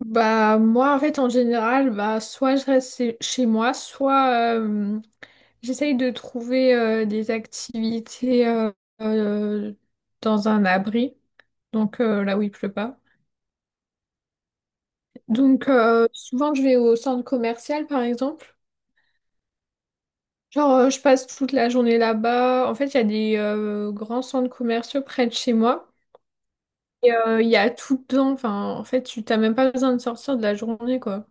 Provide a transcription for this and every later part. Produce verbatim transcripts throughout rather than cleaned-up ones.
Bah moi en fait en général bah soit je reste chez chez moi soit euh, j'essaye de trouver euh, des activités euh, euh, dans un abri donc euh, là où il pleut pas. Donc euh, souvent je vais au centre commercial par exemple. Genre euh, je passe toute la journée là-bas. En fait il y a des euh, grands centres commerciaux près de chez moi et euh, il y a tout dedans. Enfin en fait tu t'as même pas besoin de sortir de la journée quoi.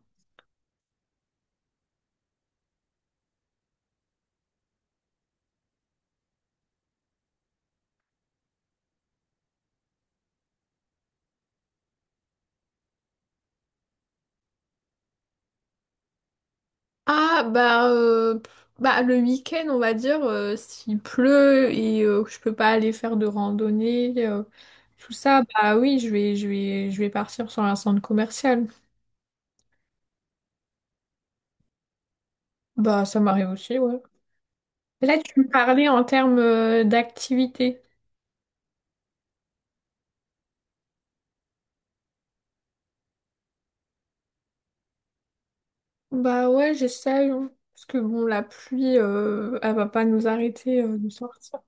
Ah bah, euh, pff, bah le week-end on va dire euh, s'il pleut et euh, que je peux pas aller faire de randonnée euh, tout ça, bah oui je vais je vais je vais partir sur un centre commercial. Bah ça m'arrive aussi, ouais. Là tu me parlais en termes euh, d'activité. Bah ouais, j'essaye, hein. Parce que bon, la pluie euh, elle va pas nous arrêter euh, de sortir.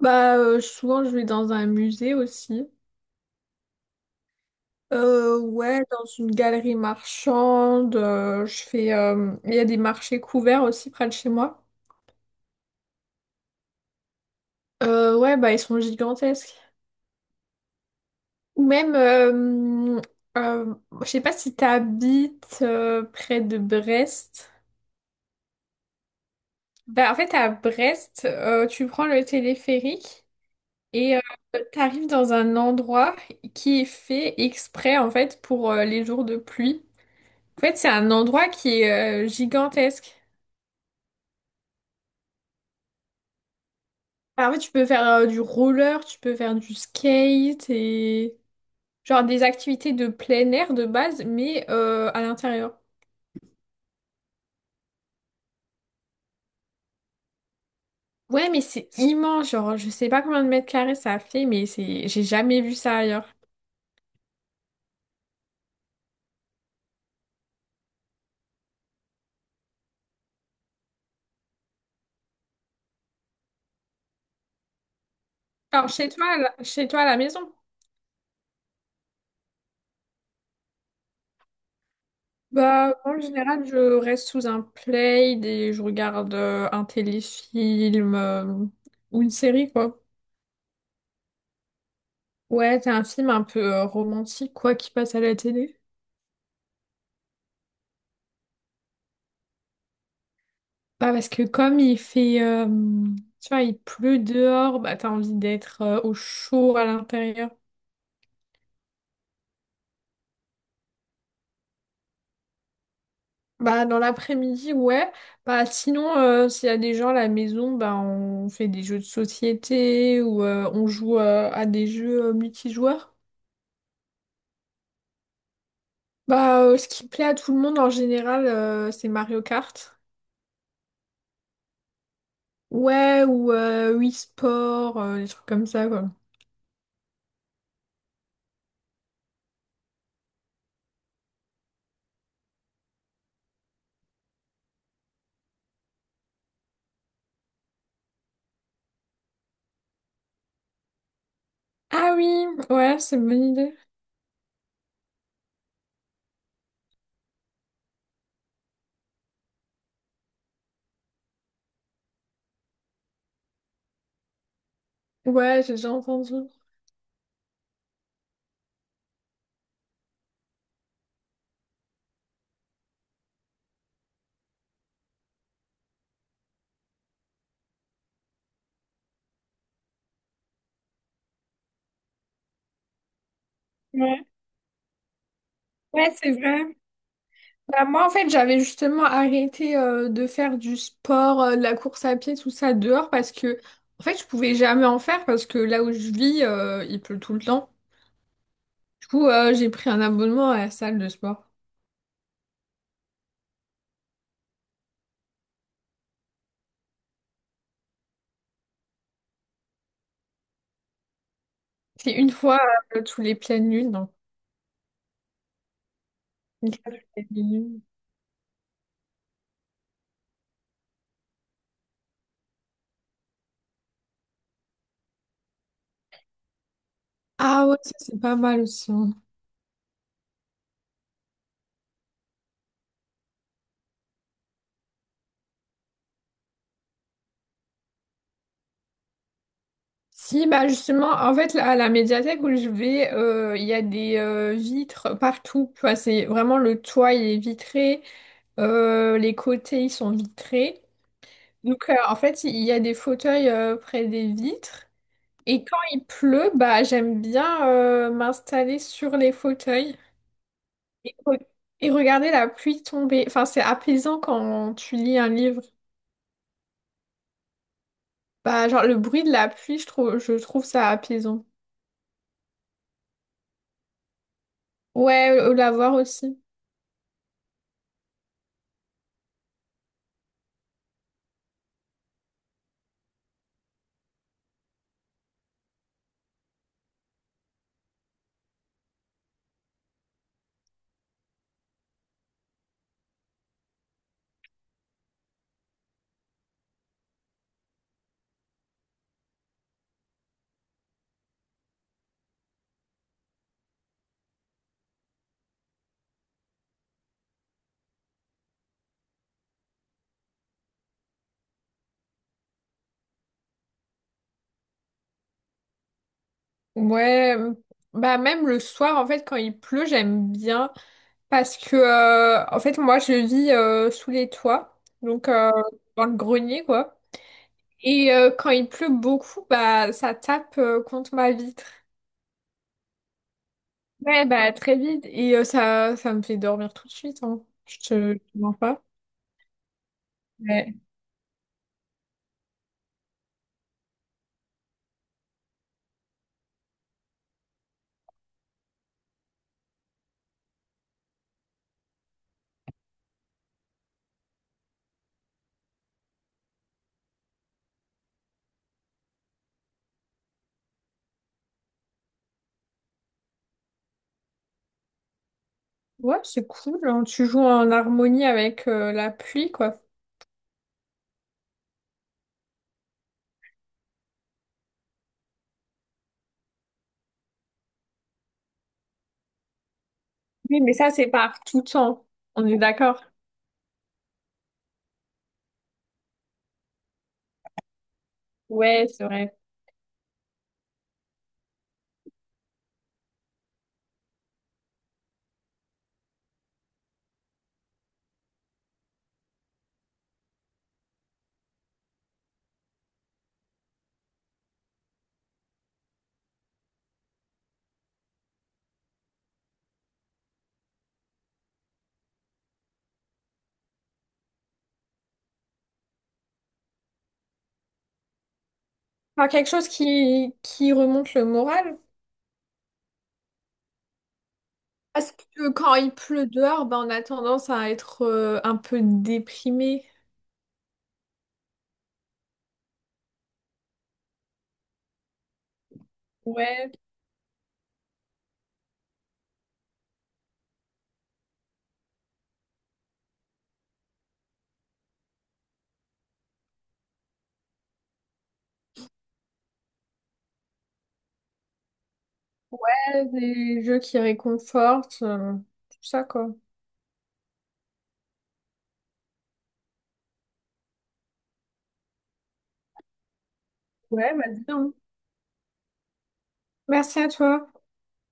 Bah euh, souvent je vais dans un musée aussi. Euh, ouais, dans une galerie marchande, euh, je fais. Euh, il y a des marchés couverts aussi près de chez moi. Euh, ouais, bah ils sont gigantesques. Ou même, euh, euh, je sais pas si t'habites euh, près de Brest. Bah en fait à Brest, euh, tu prends le téléphérique et euh, t'arrives dans un endroit qui est fait exprès en fait pour euh, les jours de pluie. En fait, c'est un endroit qui est euh, gigantesque. Bah, en fait, tu peux faire euh, du roller, tu peux faire du skate et genre des activités de plein air de base, mais euh, à l'intérieur. Ouais, mais c'est immense, genre je sais pas combien de mètres carrés ça fait, mais c'est, j'ai jamais vu ça ailleurs. Alors chez toi, à la- chez toi à la maison? Bah en général, je reste sous un plaid et je regarde euh, un téléfilm euh, ou une série quoi. Ouais, t'as un film un peu euh, romantique quoi qui passe à la télé. Bah parce que comme il fait, euh, tu vois, il pleut dehors, bah t'as envie d'être euh, au chaud à l'intérieur. Bah dans l'après-midi, ouais. Bah sinon, euh, s'il y a des gens à la maison, bah on fait des jeux de société ou euh, on joue euh, à des jeux euh, multijoueurs. Bah euh, ce qui plaît à tout le monde en général, euh, c'est Mario Kart. Ouais, ou euh, Wii Sport, euh, des trucs comme ça, quoi. Ah oui, ouais, c'est une bonne idée. Ouais, j'ai déjà entendu. Ouais, ouais, c'est vrai. Bah, moi, en fait, j'avais justement arrêté euh, de faire du sport, euh, de la course à pied, tout ça dehors parce que, en fait, je pouvais jamais en faire parce que là où je vis, euh, il pleut tout le temps. Du coup, euh, j'ai pris un abonnement à la salle de sport. C'est une fois euh, tous les pleines lunes, donc une fois toutes les pleines lunes. Ah ouais, ça c'est pas mal aussi, hein. Si, bah justement, en fait, là, à la médiathèque où je vais, euh, il y a des euh, vitres partout. Tu vois, c'est vraiment le toit, il est vitré, euh, les côtés, ils sont vitrés. Donc, euh, en fait, il y a des fauteuils euh, près des vitres. Et quand il pleut, bah, j'aime bien euh, m'installer sur les fauteuils et, re- et regarder la pluie tomber. Enfin, c'est apaisant quand tu lis un livre. Bah, genre, le bruit de la pluie, je trouve, je trouve ça apaisant. Ouais, euh, la voir aussi. Ouais, euh, bah, même le soir, en fait, quand il pleut, j'aime bien. Parce que, euh, en fait, moi, je vis euh, sous les toits. Donc, euh, dans le grenier, quoi. Et euh, quand il pleut beaucoup, bah ça tape euh, contre ma vitre. Ouais, bah très vite. Et euh, ça, ça me fait dormir tout de suite, hein. Je te, je te mens pas. Ouais, ouais, c'est cool, hein. Tu joues en harmonie avec euh, la pluie, quoi. Oui, mais ça, c'est par tout temps. On est d'accord? Ouais, c'est vrai. Enfin, quelque chose qui, qui remonte le moral. Parce que quand il pleut dehors, bah, on a tendance à être euh, un peu déprimé. Ouais. Ouais, des jeux qui réconfortent, euh, tout ça, quoi. Ouais, vas-y, hein. Merci à toi.